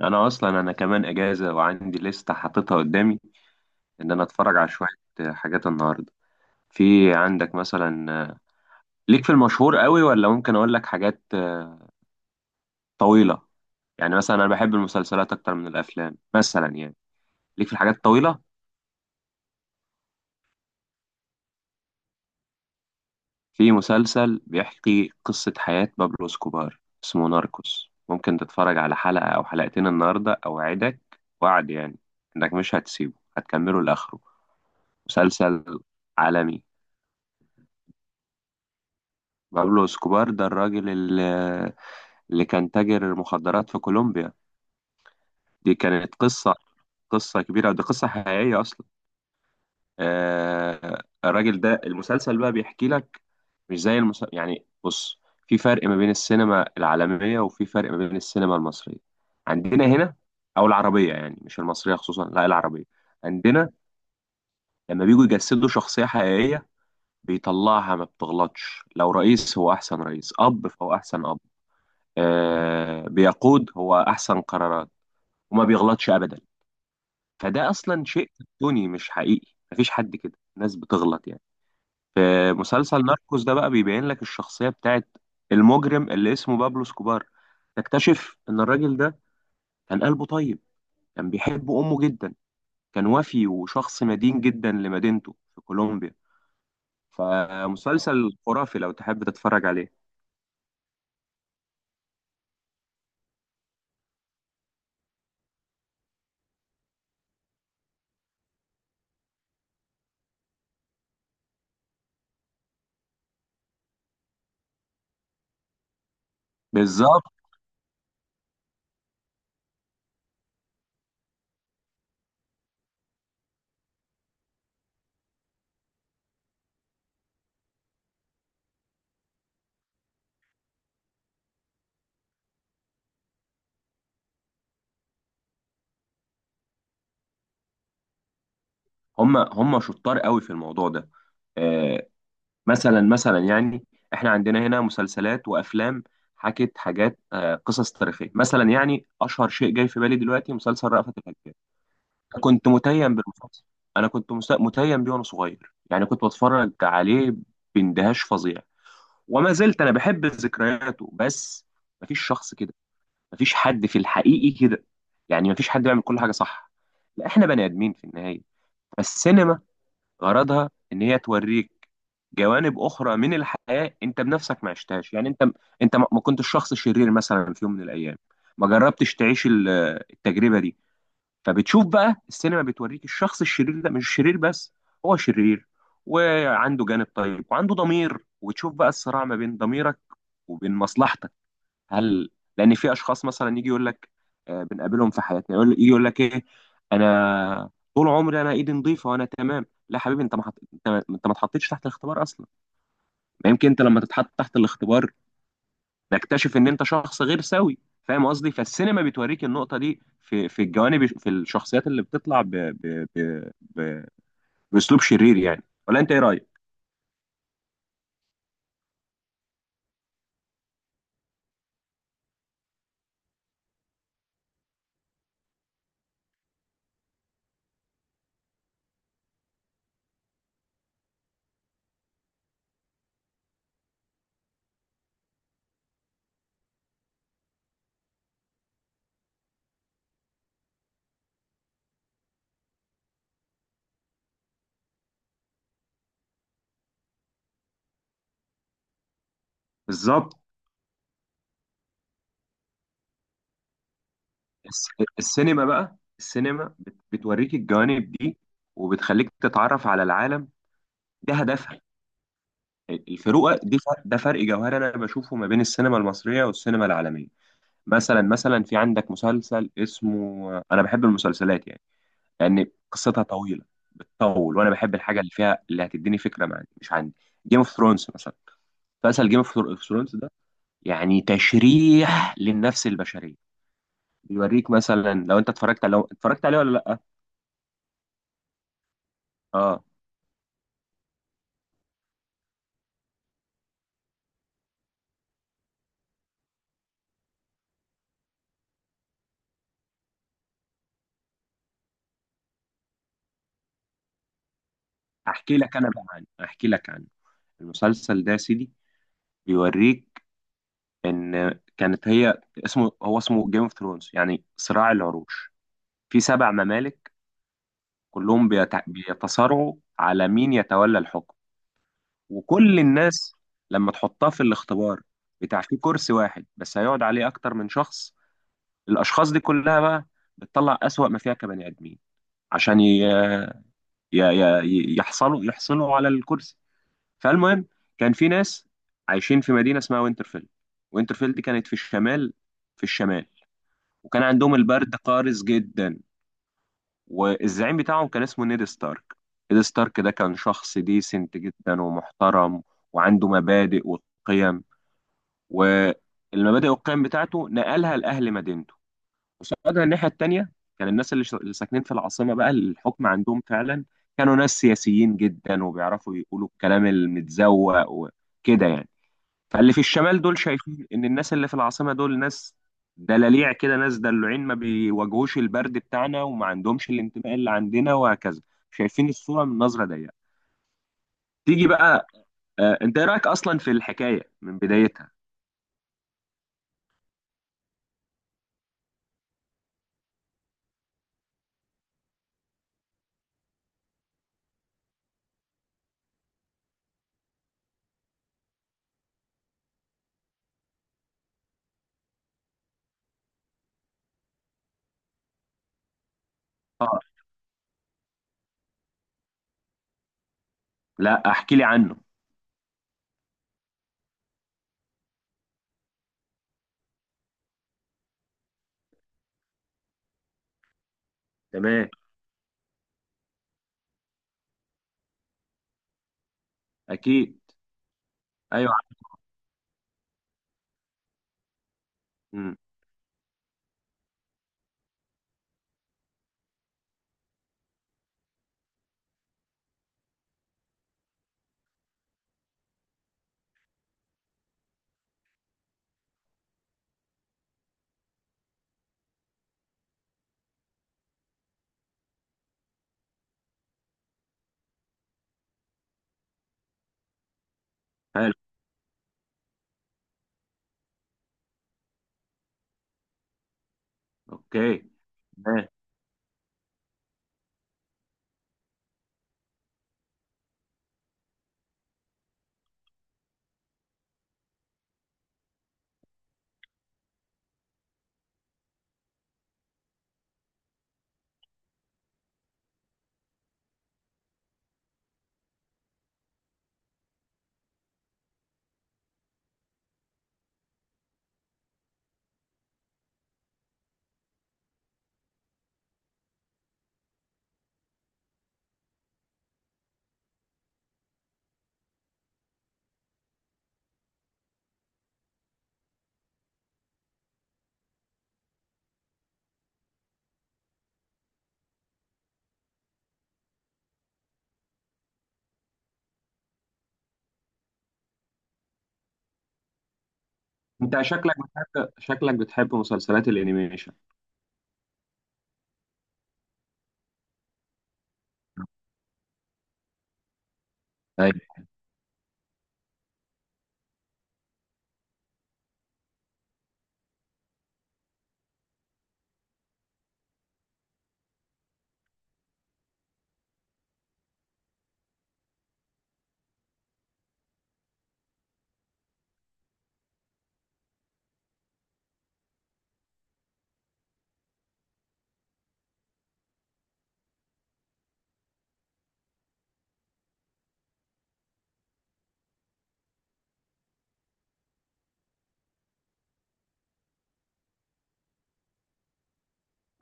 انا اصلا انا كمان اجازه وعندي لسته حاططها قدامي. ان انا اتفرج على شويه حاجات النهارده. في عندك مثلا ليك في المشهور قوي، ولا ممكن اقول لك حاجات طويله؟ يعني مثلا انا بحب المسلسلات اكتر من الافلام مثلا يعني ليك في الحاجات الطويله. في مسلسل بيحكي قصه حياه بابلو اسكوبار اسمه ناركوس، ممكن تتفرج على حلقه او حلقتين النهارده اوعدك، وعد يعني، انك مش هتسيبه هتكمله لاخره. مسلسل عالمي. بابلو اسكوبار ده الراجل اللي كان تاجر مخدرات في كولومبيا. دي كانت قصة كبيرة، ودي قصة حقيقية أصلا. آه الراجل ده المسلسل بقى بيحكي لك، مش زي المسلسل يعني. بص، في فرق ما بين السينما العالمية، وفي فرق ما بين السينما المصرية عندنا هنا، أو العربية يعني، مش المصرية خصوصا، لا العربية عندنا. لما بيجوا يجسدوا شخصية حقيقية بيطلعها ما بتغلطش، لو رئيس هو أحسن رئيس، أب فهو أحسن أب، بيقود هو احسن قرارات وما بيغلطش ابدا. فده اصلا شيء كرتوني مش حقيقي. مفيش حد كده، الناس بتغلط يعني. في مسلسل ناركوس ده بقى بيبين لك الشخصية بتاعت المجرم اللي اسمه بابلو سكوبار. تكتشف ان الراجل ده كان قلبه طيب، كان بيحب امه جدا، كان وفي، وشخص مدين جدا لمدينته في كولومبيا. فمسلسل خرافي لو تحب تتفرج عليه. بالظبط. هم شطار قوي في الموضوع ده. آه، مثلا يعني احنا عندنا هنا مسلسلات وافلام حكت حاجات قصص تاريخيه مثلا، يعني اشهر شيء جاي في بالي دلوقتي مسلسل رأفت الهجان. كنت متيم بالمسلسل. انا كنت متيم بيه وانا صغير يعني، كنت بتفرج عليه باندهاش فظيع، وما زلت انا بحب ذكرياته. بس مفيش شخص كده، مفيش حد في الحقيقي كده، يعني مفيش حد بيعمل كل حاجه صح، لا احنا بني ادمين في النهايه. فالسينما غرضها ان هي توريك جوانب اخرى من الحياه انت بنفسك ما عشتهاش، يعني انت ما كنتش شخص شرير مثلا في يوم من الايام، ما جربتش تعيش التجربه دي. فبتشوف بقى السينما بتوريك الشخص الشرير ده مش شرير بس، هو شرير وعنده جانب طيب وعنده ضمير، وتشوف بقى الصراع ما بين ضميرك وبين مصلحتك. هل لان في اشخاص مثلا يجي يقول لك، بنقابلهم في حياتنا، يجي يقول لك ايه: انا طول عمري انا ايدي نظيفه وانا تمام. لا حبيبي، انت ما حط... انت ما اتحطيتش تحت الاختبار اصلا. ما يمكن انت لما تتحط تحت الاختبار تكتشف ان انت شخص غير سوي. فاهم قصدي؟ فالسينما بتوريك النقطه دي في الجوانب، في الشخصيات اللي بتطلع باسلوب شرير يعني. ولا انت ايه رايك؟ بالظبط. الس- السينما بقى السينما بتوريك الجوانب دي وبتخليك تتعرف على العالم. ده هدفها. الفروقه دي ده فرق جوهري انا بشوفه ما بين السينما المصريه والسينما العالميه. مثلا في عندك مسلسل اسمه، انا بحب المسلسلات يعني، لان قصتها طويله بتطول، وانا بحب الحاجه اللي فيها، اللي هتديني فكره مع مش عندي. جيم اوف ثرونز مثلا. مسلسل جيم اوف ثرونز ده يعني تشريح للنفس البشريه، بيوريك مثلا. لو انت اتفرجت لو اتفرجت عليه ولا لا؟ اه احكي لك انا بقى عنه، احكي لك عنه. المسلسل ده يا سيدي بيوريك ان كانت هي، اسمه هو اسمه جيم اوف ثرونز يعني صراع العروش. في سبع ممالك كلهم بيتصارعوا على مين يتولى الحكم. وكل الناس لما تحطها في الاختبار بتاع، في كرسي واحد بس هيقعد عليه اكتر من شخص، الاشخاص دي كلها بقى بتطلع اسوأ ما فيها كبني ادمين عشان ي... ي... ي... يحصلوا يحصلوا على الكرسي. فالمهم، كان في ناس عايشين في مدينة اسمها وينترفيل. وينترفيل دي كانت في الشمال، في الشمال. وكان عندهم البرد قارس جدا، والزعيم بتاعهم كان اسمه نيد ستارك. نيد ستارك ده كان شخص ديسنت جدا ومحترم، وعنده مبادئ وقيم، والمبادئ والقيم بتاعته نقلها لأهل مدينته. قصادها الناحية التانية، كان الناس اللي ساكنين في العاصمة، بقى الحكم عندهم فعلا، كانوا ناس سياسيين جدا وبيعرفوا يقولوا الكلام المتزوق وكده يعني. فاللي في الشمال دول شايفين ان الناس اللي في العاصمه دول ناس دلاليع كده، ناس دلوعين ما بيواجهوش البرد بتاعنا، وما عندهمش الانتماء اللي عندنا، وهكذا. شايفين الصوره من نظره ضيقه. تيجي بقى، آه انت ايه رايك اصلا في الحكايه من بدايتها؟ اه. لا احكي لي عنه. تمام. اكيد. ايوه. امم. حلو. اوكي. تمام. انت شكلك بتحب شكلك بتحب مسلسلات الانيميشن؟ طيب.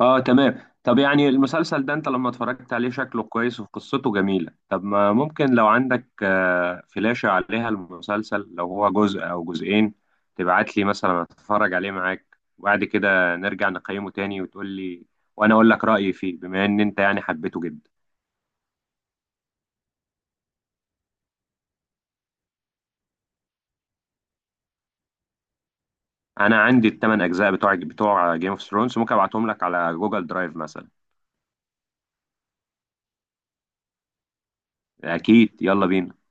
اه تمام. طب يعني المسلسل ده انت لما اتفرجت عليه شكله كويس وقصته جميلة، طب ما ممكن لو عندك فلاشة عليها المسلسل لو هو جزء او جزئين تبعت لي مثلا اتفرج عليه معاك، وبعد كده نرجع نقيمه تاني وتقول لي وانا اقول لك رأيي فيه، بما ان انت يعني حبيته جدا. انا عندي الثمان اجزاء بتوع جيم اوف ثرونز، ممكن ابعتهم لك على جوجل درايف مثلا. اكيد، يلا بينا.